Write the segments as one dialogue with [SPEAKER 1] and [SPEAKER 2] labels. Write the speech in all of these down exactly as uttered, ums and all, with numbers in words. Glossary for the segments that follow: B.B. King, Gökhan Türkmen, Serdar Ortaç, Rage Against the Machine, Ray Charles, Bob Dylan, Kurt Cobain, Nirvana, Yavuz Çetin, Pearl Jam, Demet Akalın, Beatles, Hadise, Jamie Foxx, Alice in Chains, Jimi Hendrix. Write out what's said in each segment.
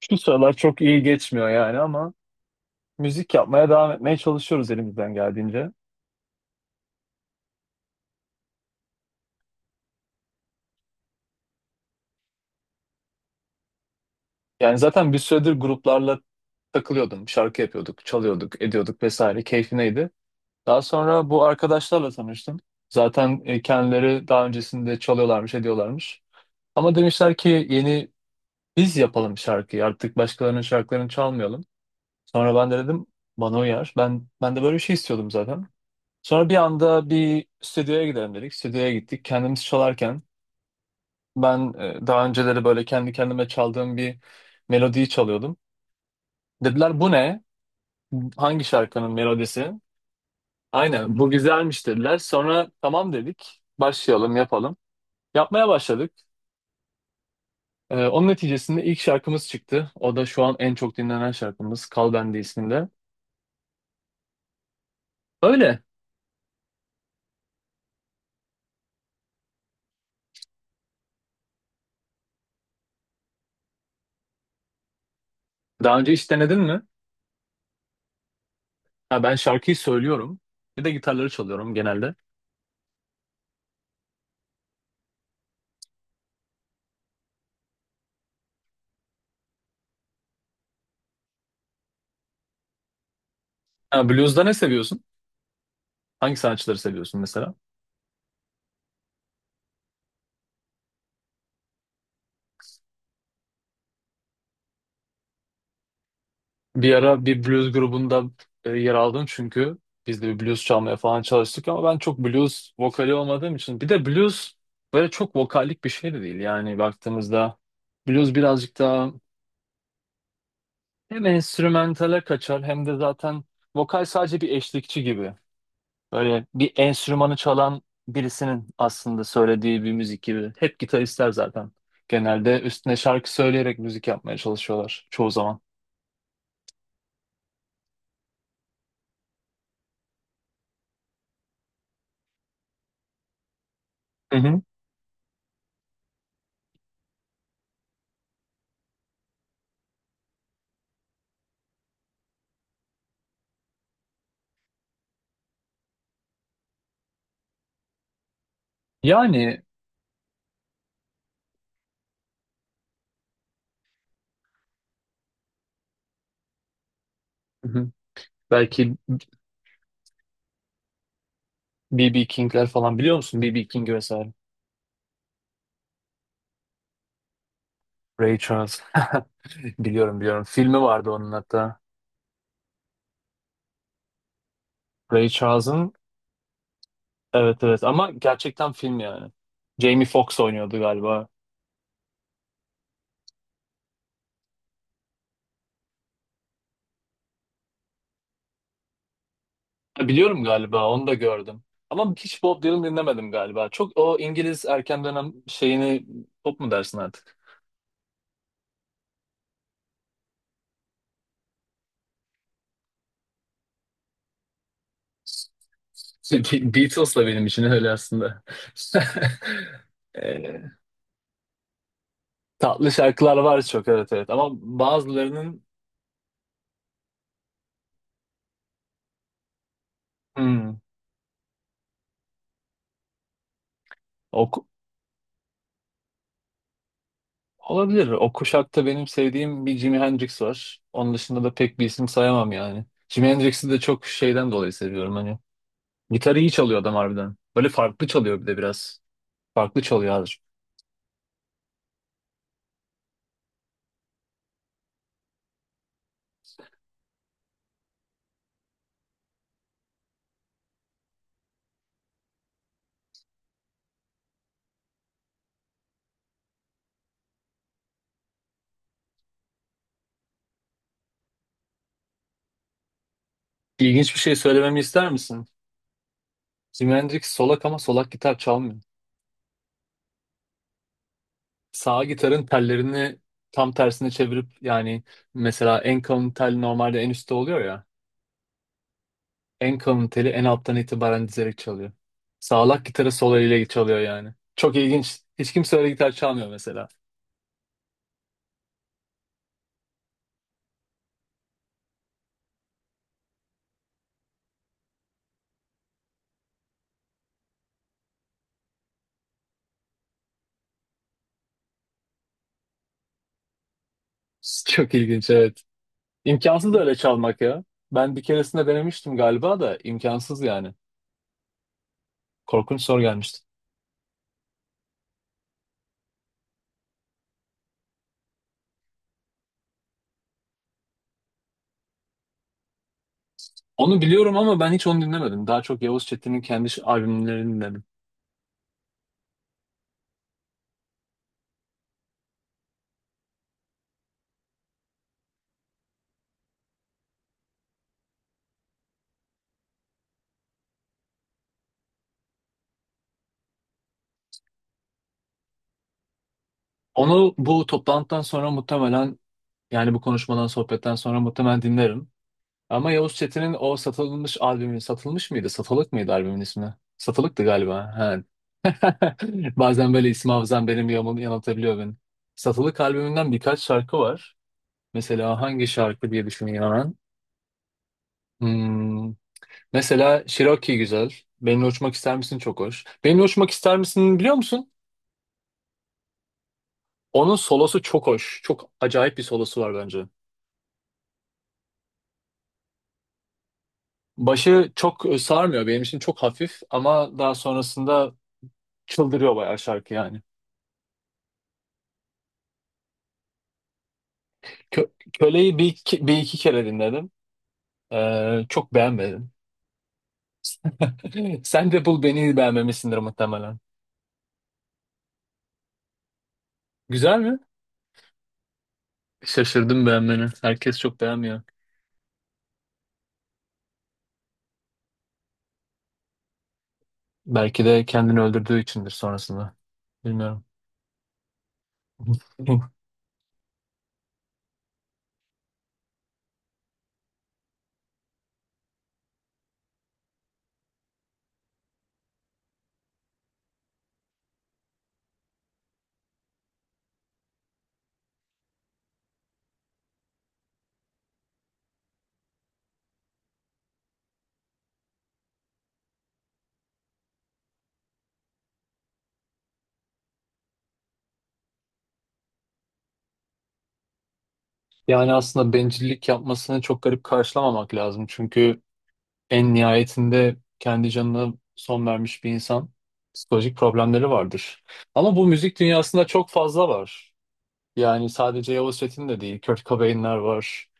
[SPEAKER 1] Şu sıralar çok iyi geçmiyor yani ama müzik yapmaya devam etmeye çalışıyoruz elimizden geldiğince. Yani zaten bir süredir gruplarla takılıyordum. Şarkı yapıyorduk, çalıyorduk, ediyorduk vesaire. Keyfineydi. Daha sonra bu arkadaşlarla tanıştım. Zaten e, kendileri daha öncesinde çalıyorlarmış, ediyorlarmış. Ama demişler ki yeni biz yapalım şarkıyı. Artık başkalarının şarkılarını çalmayalım. Sonra ben de dedim bana uyar. Ben ben de böyle bir şey istiyordum zaten. Sonra bir anda bir stüdyoya gidelim dedik. Stüdyoya gittik. Kendimiz çalarken Ben e, daha önceleri böyle kendi kendime çaldığım bir melodiyi çalıyordum. Dediler bu ne? Hangi şarkının melodisi? Aynen bu güzelmiş dediler. Sonra tamam dedik. Başlayalım yapalım. Yapmaya başladık. E, onun neticesinde ilk şarkımız çıktı. O da şu an en çok dinlenen şarkımız Kal Bende isminde. Öyle. Daha önce hiç denedin mi? Ha, ben şarkıyı söylüyorum. Bir de gitarları çalıyorum genelde. Ha, blues'da ne seviyorsun? Hangi sanatçıları seviyorsun mesela? Bir ara bir blues grubunda e, yer aldım çünkü biz de bir blues çalmaya falan çalıştık ama ben çok blues vokali olmadığım için bir de blues böyle çok vokallik bir şey de değil yani baktığımızda blues birazcık daha hem enstrümantale kaçar hem de zaten vokal sadece bir eşlikçi gibi böyle bir enstrümanı çalan birisinin aslında söylediği bir müzik gibi hep gitaristler zaten genelde üstüne şarkı söyleyerek müzik yapmaya çalışıyorlar çoğu zaman. Hı hı. Yani hı hı. Belki B B. King'ler falan biliyor musun? B B. King vesaire. Ray Charles. Biliyorum biliyorum. Filmi vardı onun hatta. Ray Charles'ın, evet evet, ama gerçekten film yani. Jamie Foxx oynuyordu galiba. Ha, biliyorum, galiba onu da gördüm. Ama hiç Bob Dylan dinlemedim galiba. Çok o İngiliz erken dönem şeyini pop mu dersin artık? Be- Beatles da benim için öyle aslında. Ee, Tatlı şarkılar var çok, evet evet, ama bazılarının hmm, o, olabilir. O kuşakta benim sevdiğim bir Jimi Hendrix var. Onun dışında da pek bir isim sayamam yani. Jimi Hendrix'i de çok şeyden dolayı seviyorum hani. Gitarı iyi çalıyor adam harbiden. Böyle farklı çalıyor bir de biraz. Farklı çalıyor abi. İlginç bir şey söylememi ister misin? Jimi Hendrix solak ama solak gitar çalmıyor. Sağ gitarın tellerini tam tersine çevirip yani mesela en kalın tel normalde en üstte oluyor ya. En kalın teli en alttan itibaren dizerek çalıyor. Sağlak gitarı sol eliyle çalıyor yani. Çok ilginç. Hiç kimse öyle gitar çalmıyor mesela. Çok ilginç evet. İmkansız da öyle çalmak ya. Ben bir keresinde denemiştim galiba da imkansız yani. Korkunç soru gelmişti. Onu biliyorum ama ben hiç onu dinlemedim. Daha çok Yavuz Çetin'in kendi ş- albümlerini dinledim. Onu bu toplantıdan sonra muhtemelen yani bu konuşmadan sohbetten sonra muhtemelen dinlerim. Ama Yavuz Çetin'in o satılmış albümü satılmış mıydı? Satılık mıydı albümün ismi? Satılıktı galiba. Ha. Bazen böyle isim hafızam benim yamul- yanıltabiliyor beni. Satılık albümünden birkaç şarkı var. Mesela hangi şarkı diye düşüneyim hemen. Hmm, Mesela Cherokee güzel. Benimle Uçmak ister misin? Çok hoş. Benimle Uçmak ister misin biliyor musun? Onun solosu çok hoş. Çok acayip bir solosu var bence. Başı çok e, sarmıyor. Benim için çok hafif ama daha sonrasında çıldırıyor bayağı şarkı yani. Kö- Köle'yi bir iki, bir iki kere dinledim. Ee, çok beğenmedim. Sen de bul beni beğenmemişsindir muhtemelen. Güzel mi? Şaşırdım beğenmeni. Herkes çok beğenmiyor. Belki de kendini öldürdüğü içindir sonrasında. Bilmiyorum. Yani aslında bencillik yapmasını çok garip karşılamamak lazım. Çünkü en nihayetinde kendi canına son vermiş bir insan psikolojik problemleri vardır. Ama bu müzik dünyasında çok fazla var. Yani sadece Yavuz Çetin de değil. Kurt Cobain'ler var.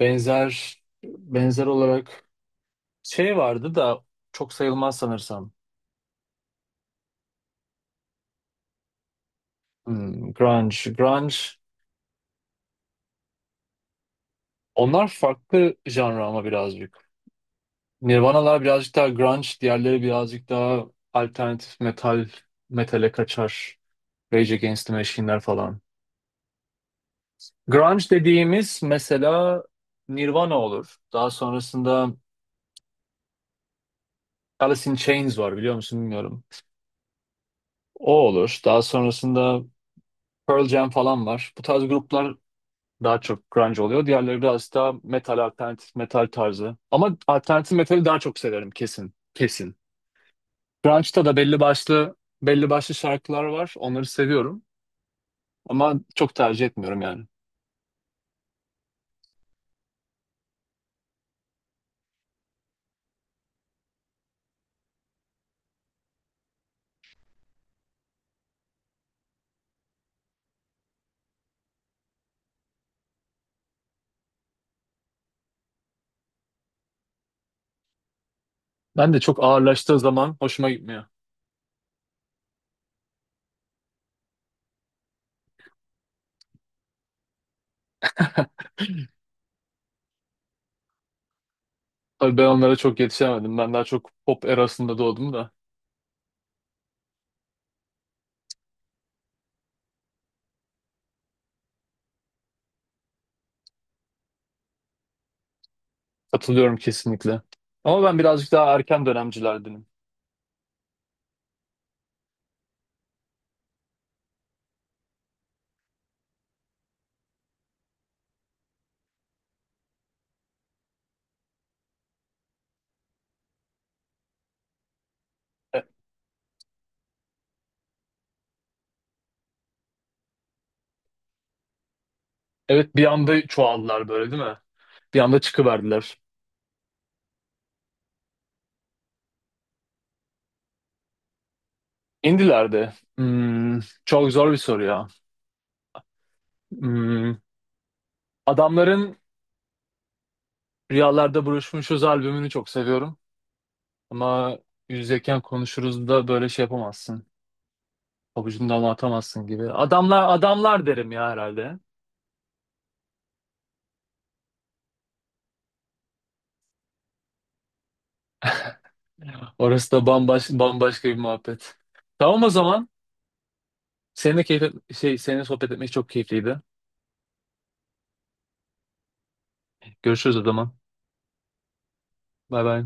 [SPEAKER 1] Benzer benzer olarak şey vardı da çok sayılmaz sanırsam. Hmm, grunge. Grunge. Onlar farklı janra ama birazcık. Nirvana'lar birazcık daha grunge, diğerleri birazcık daha alternatif metal, metale kaçar. Rage Against the Machine'ler falan. Grunge dediğimiz mesela Nirvana olur. Daha sonrasında Alice in Chains var biliyor musun bilmiyorum. O olur. Daha sonrasında Pearl Jam falan var. Bu tarz gruplar daha çok grunge oluyor. Diğerleri biraz daha metal, alternatif metal tarzı. Ama alternatif metali daha çok severim, kesin. Kesin. Grunge'da da belli başlı belli başlı şarkılar var. Onları seviyorum. Ama çok tercih etmiyorum yani. Ben de çok ağırlaştığı zaman hoşuma gitmiyor. Tabii ben onlara çok yetişemedim. Ben daha çok pop erasında doğdum da. Katılıyorum kesinlikle. Ama ben birazcık daha erken dönemcilerdenim. E- Evet bir anda çoğaldılar böyle değil mi? Bir anda çıkıverdiler. İndiler de. Hmm, çok zor bir soru ya. Hmm, Adamların Rüyalarda Buluşmuşuz albümünü çok seviyorum. Ama Yüzdeyken Konuşuruz da böyle şey yapamazsın. Pabucundan atamazsın gibi. Adamlar adamlar derim ya herhalde. Orası da bambaş, bambaşka bir muhabbet. Tamam o zaman. Seninle keyif, şey, seninle sohbet etmek çok keyifliydi. Görüşürüz o zaman. Bay bay.